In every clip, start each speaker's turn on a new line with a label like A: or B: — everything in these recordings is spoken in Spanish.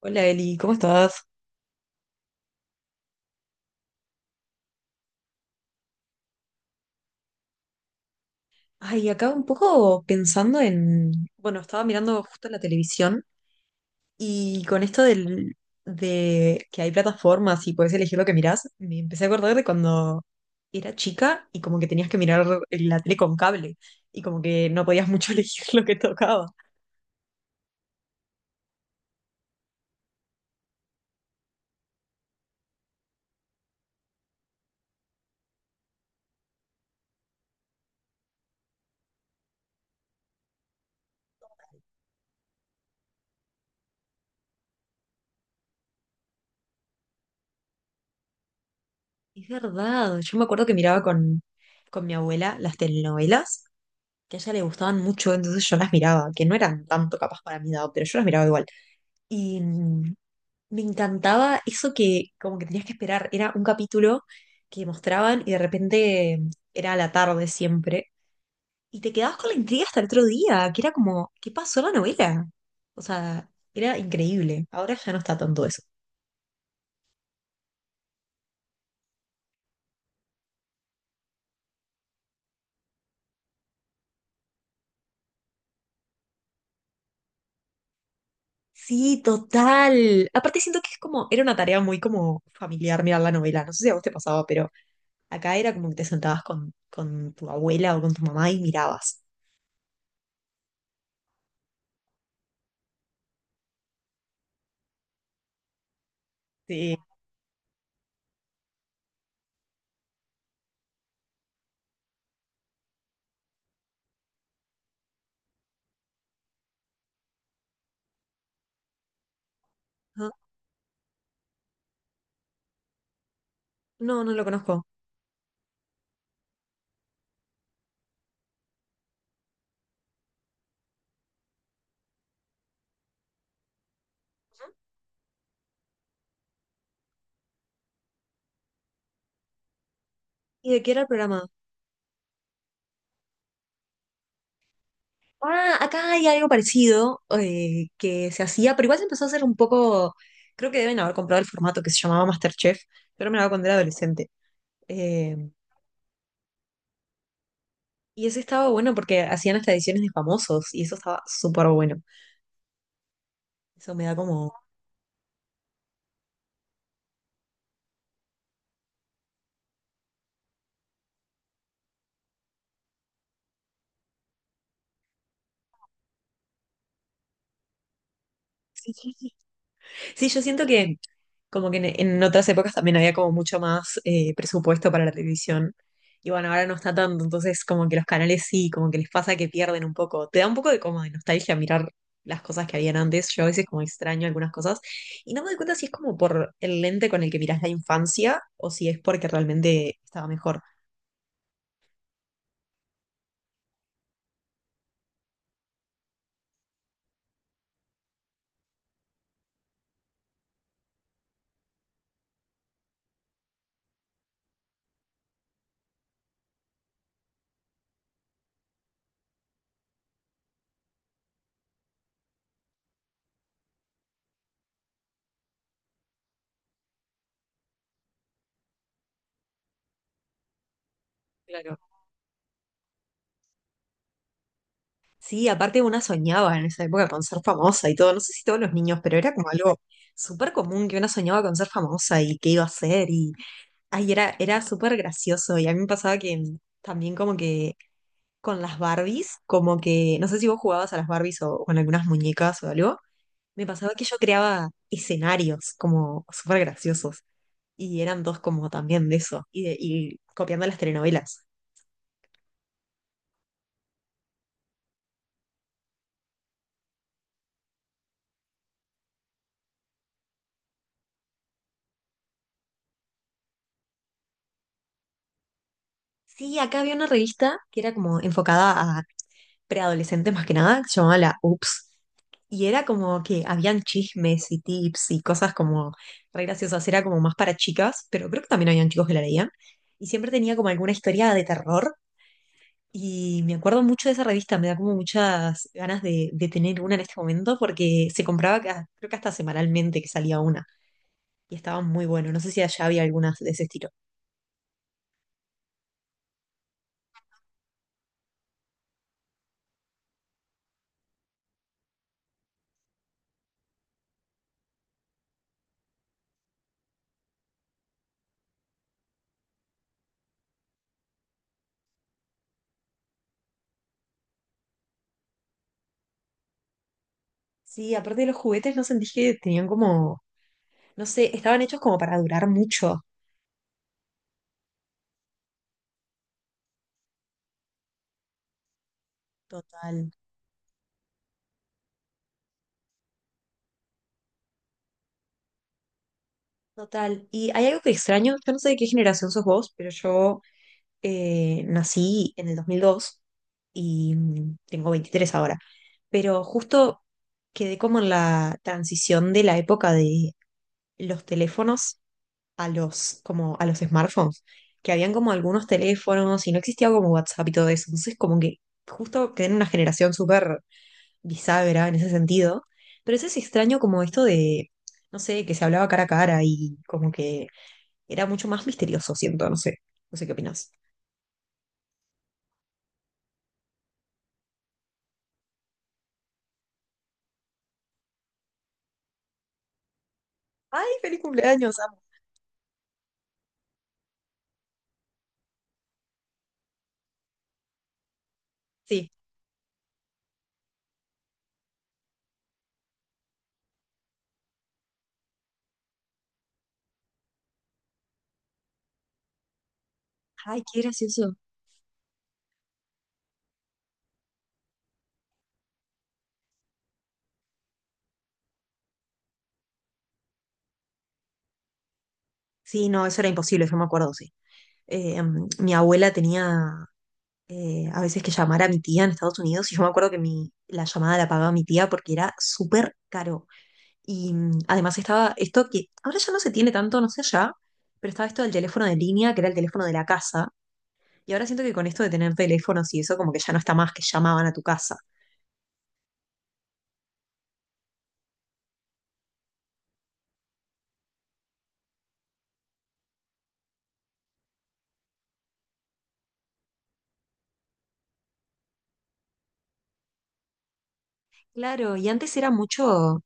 A: Hola Eli, ¿cómo estás? Ay, acá un poco pensando en, bueno, estaba mirando justo la televisión y con esto de que hay plataformas y puedes elegir lo que mirás, me empecé a acordar de cuando era chica y como que tenías que mirar la tele con cable y como que no podías mucho elegir lo que tocaba. Es verdad, yo me acuerdo que miraba con mi abuela las telenovelas, que a ella le gustaban mucho, entonces yo las miraba, que no eran tanto capaz para mi edad, pero yo las miraba igual. Y me encantaba eso que como que tenías que esperar. Era un capítulo que mostraban y de repente era a la tarde siempre. Y te quedabas con la intriga hasta el otro día, que era como, ¿qué pasó en la novela? O sea, era increíble. Ahora ya no está tanto eso. Sí, total. Aparte siento que es como, era una tarea muy como familiar mirar la novela. No sé si a vos te pasaba, pero acá era como que te sentabas con tu abuela o con tu mamá y mirabas. Sí. Ajá. No, no lo conozco. ¿Y de qué era el programa? Ah, acá hay algo parecido, que se hacía, pero igual se empezó a hacer un poco, creo que deben haber comprado el formato que se llamaba MasterChef, pero me lo hago cuando era adolescente. Eh, y ese estaba bueno porque hacían hasta ediciones de famosos y eso estaba súper bueno. Eso me da como... Sí, yo siento que como que en, otras épocas también había como mucho más, presupuesto para la televisión. Y bueno, ahora no está tanto, entonces como que los canales sí, como que les pasa que pierden un poco. Te da un poco de como de nostalgia mirar las cosas que habían antes. Yo a veces como extraño algunas cosas. Y no me doy cuenta si es como por el lente con el que mirás la infancia o si es porque realmente estaba mejor. Claro. Sí, aparte una soñaba en esa época con ser famosa y todo. No sé si todos los niños, pero era como algo súper común que una soñaba con ser famosa y qué iba a hacer. Y Ay, era, era súper gracioso y a mí me pasaba que, también como que con las Barbies, como que, no sé si vos jugabas a las Barbies o con algunas muñecas o algo, me pasaba que yo creaba escenarios como súper graciosos y eran dos como también de eso y, y copiando las telenovelas. Sí, acá había una revista que era como enfocada a preadolescente más que nada, que se llamaba la UPS. Y era como que habían chismes y tips y cosas como re graciosas, era como más para chicas, pero creo que también habían chicos que la leían. Y siempre tenía como alguna historia de terror. Y me acuerdo mucho de esa revista, me da como muchas ganas de tener una en este momento porque se compraba, creo que hasta semanalmente que salía una, y estaba muy bueno. No sé si allá había algunas de ese estilo. Sí, aparte de los juguetes, no sentí que tenían como, no sé, estaban hechos como para durar mucho. Total. Total. Y hay algo que extraño, yo no sé de qué generación sos vos, pero yo, nací en el 2002 y, tengo 23 ahora, pero justo quedé como en la transición de la época de los teléfonos a los, como a los smartphones, que habían como algunos teléfonos y no existía como WhatsApp y todo eso, entonces como que justo quedé en una generación súper bisagra en ese sentido, pero eso es extraño como esto de, no sé, que se hablaba cara a cara y como que era mucho más misterioso, siento, no sé. No sé qué opinas. ¡Ay, feliz cumpleaños, amo! Sí. Ay, qué gracioso. Sí, no, eso era imposible, yo me acuerdo, sí. Mi abuela tenía, a veces que llamar a mi tía en Estados Unidos y yo me acuerdo que la llamada la pagaba mi tía porque era súper caro. Y, además estaba esto que ahora ya no se tiene tanto, no sé ya, pero estaba esto del teléfono de línea, que era el teléfono de la casa. Y ahora siento que con esto de tener teléfonos y eso como que ya no está más, que llamaban a tu casa. Claro, y antes era mucho,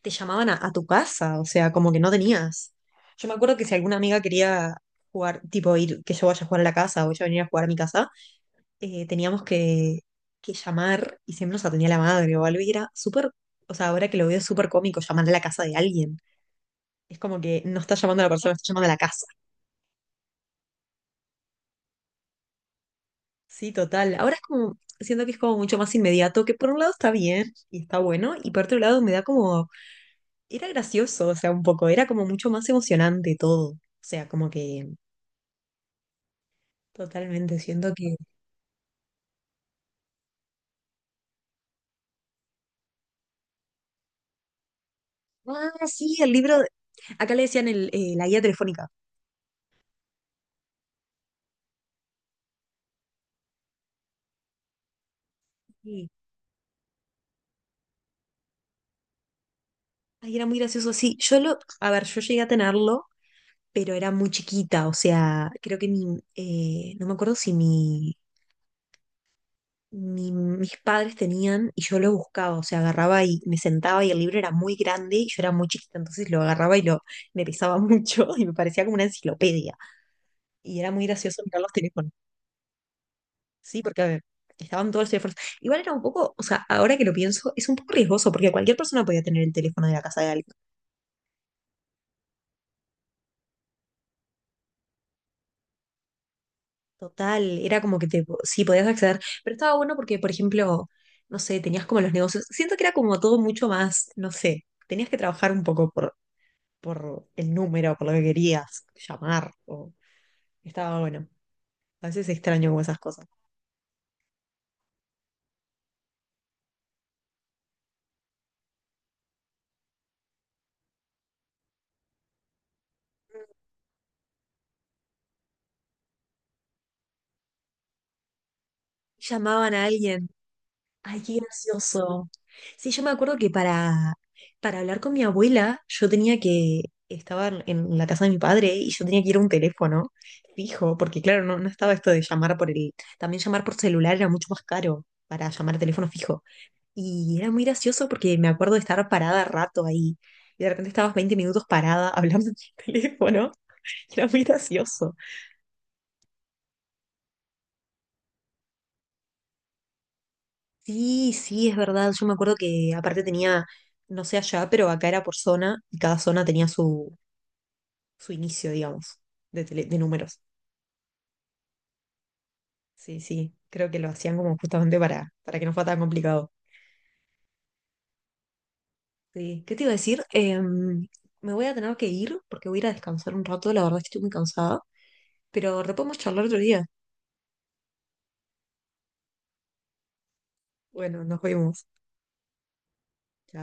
A: te llamaban a tu casa, o sea, como que no tenías. Yo me acuerdo que si alguna amiga quería jugar, tipo ir, que yo vaya a jugar a la casa o ella venir a jugar a mi casa, teníamos que, llamar y siempre nos atendía la madre o algo y era súper, o sea, ahora que lo veo es súper cómico llamar a la casa de alguien. Es como que no está llamando a la persona, está llamando a la casa. Sí, total. Ahora es como, siento que es como mucho más inmediato, que por un lado está bien y está bueno, y por otro lado me da como, era gracioso, o sea, un poco, era como mucho más emocionante todo. O sea, como que totalmente, siento que... Ah, sí, el libro, acá le decían la guía telefónica. Sí. Ay, era muy gracioso, sí. Yo lo, a ver, yo llegué a tenerlo, pero era muy chiquita, o sea, creo que no me acuerdo si mis padres tenían y yo lo buscaba, o sea, agarraba y me sentaba y el libro era muy grande y yo era muy chiquita, entonces lo agarraba y me pesaba mucho y me parecía como una enciclopedia. Y era muy gracioso mirar los teléfonos. Sí, porque a ver, estaban todos los teléfonos. Igual era un poco, o sea, ahora que lo pienso, es un poco riesgoso porque cualquier persona podía tener el teléfono de la casa de alguien. Total, era como que sí podías acceder, pero estaba bueno porque, por ejemplo, no sé, tenías como los negocios. Siento que era como todo mucho más, no sé, tenías que trabajar un poco por, el número, por lo que querías llamar, o estaba bueno. A veces extraño como esas cosas. Llamaban a alguien. Ay, qué gracioso. Sí, yo me acuerdo que para hablar con mi abuela, yo tenía que, estaba en la casa de mi padre y yo tenía que ir a un teléfono fijo, porque claro, no, no estaba esto de llamar también llamar por celular era mucho más caro para llamar a teléfono fijo. Y era muy gracioso porque me acuerdo de estar parada rato ahí y de repente estabas 20 minutos parada hablando en el teléfono. Era muy gracioso. Sí, sí, es verdad. Yo me acuerdo que aparte tenía, no sé allá, pero acá era por zona y cada zona tenía su, inicio, digamos, de, de números. Sí, sí, creo que lo hacían como justamente para que no fuera tan complicado. Sí. ¿Qué te iba a decir? Me voy a tener que ir porque voy a ir a descansar un rato, la verdad es que estoy muy cansada, pero re podemos charlar otro día. Bueno, nos vemos. Chao.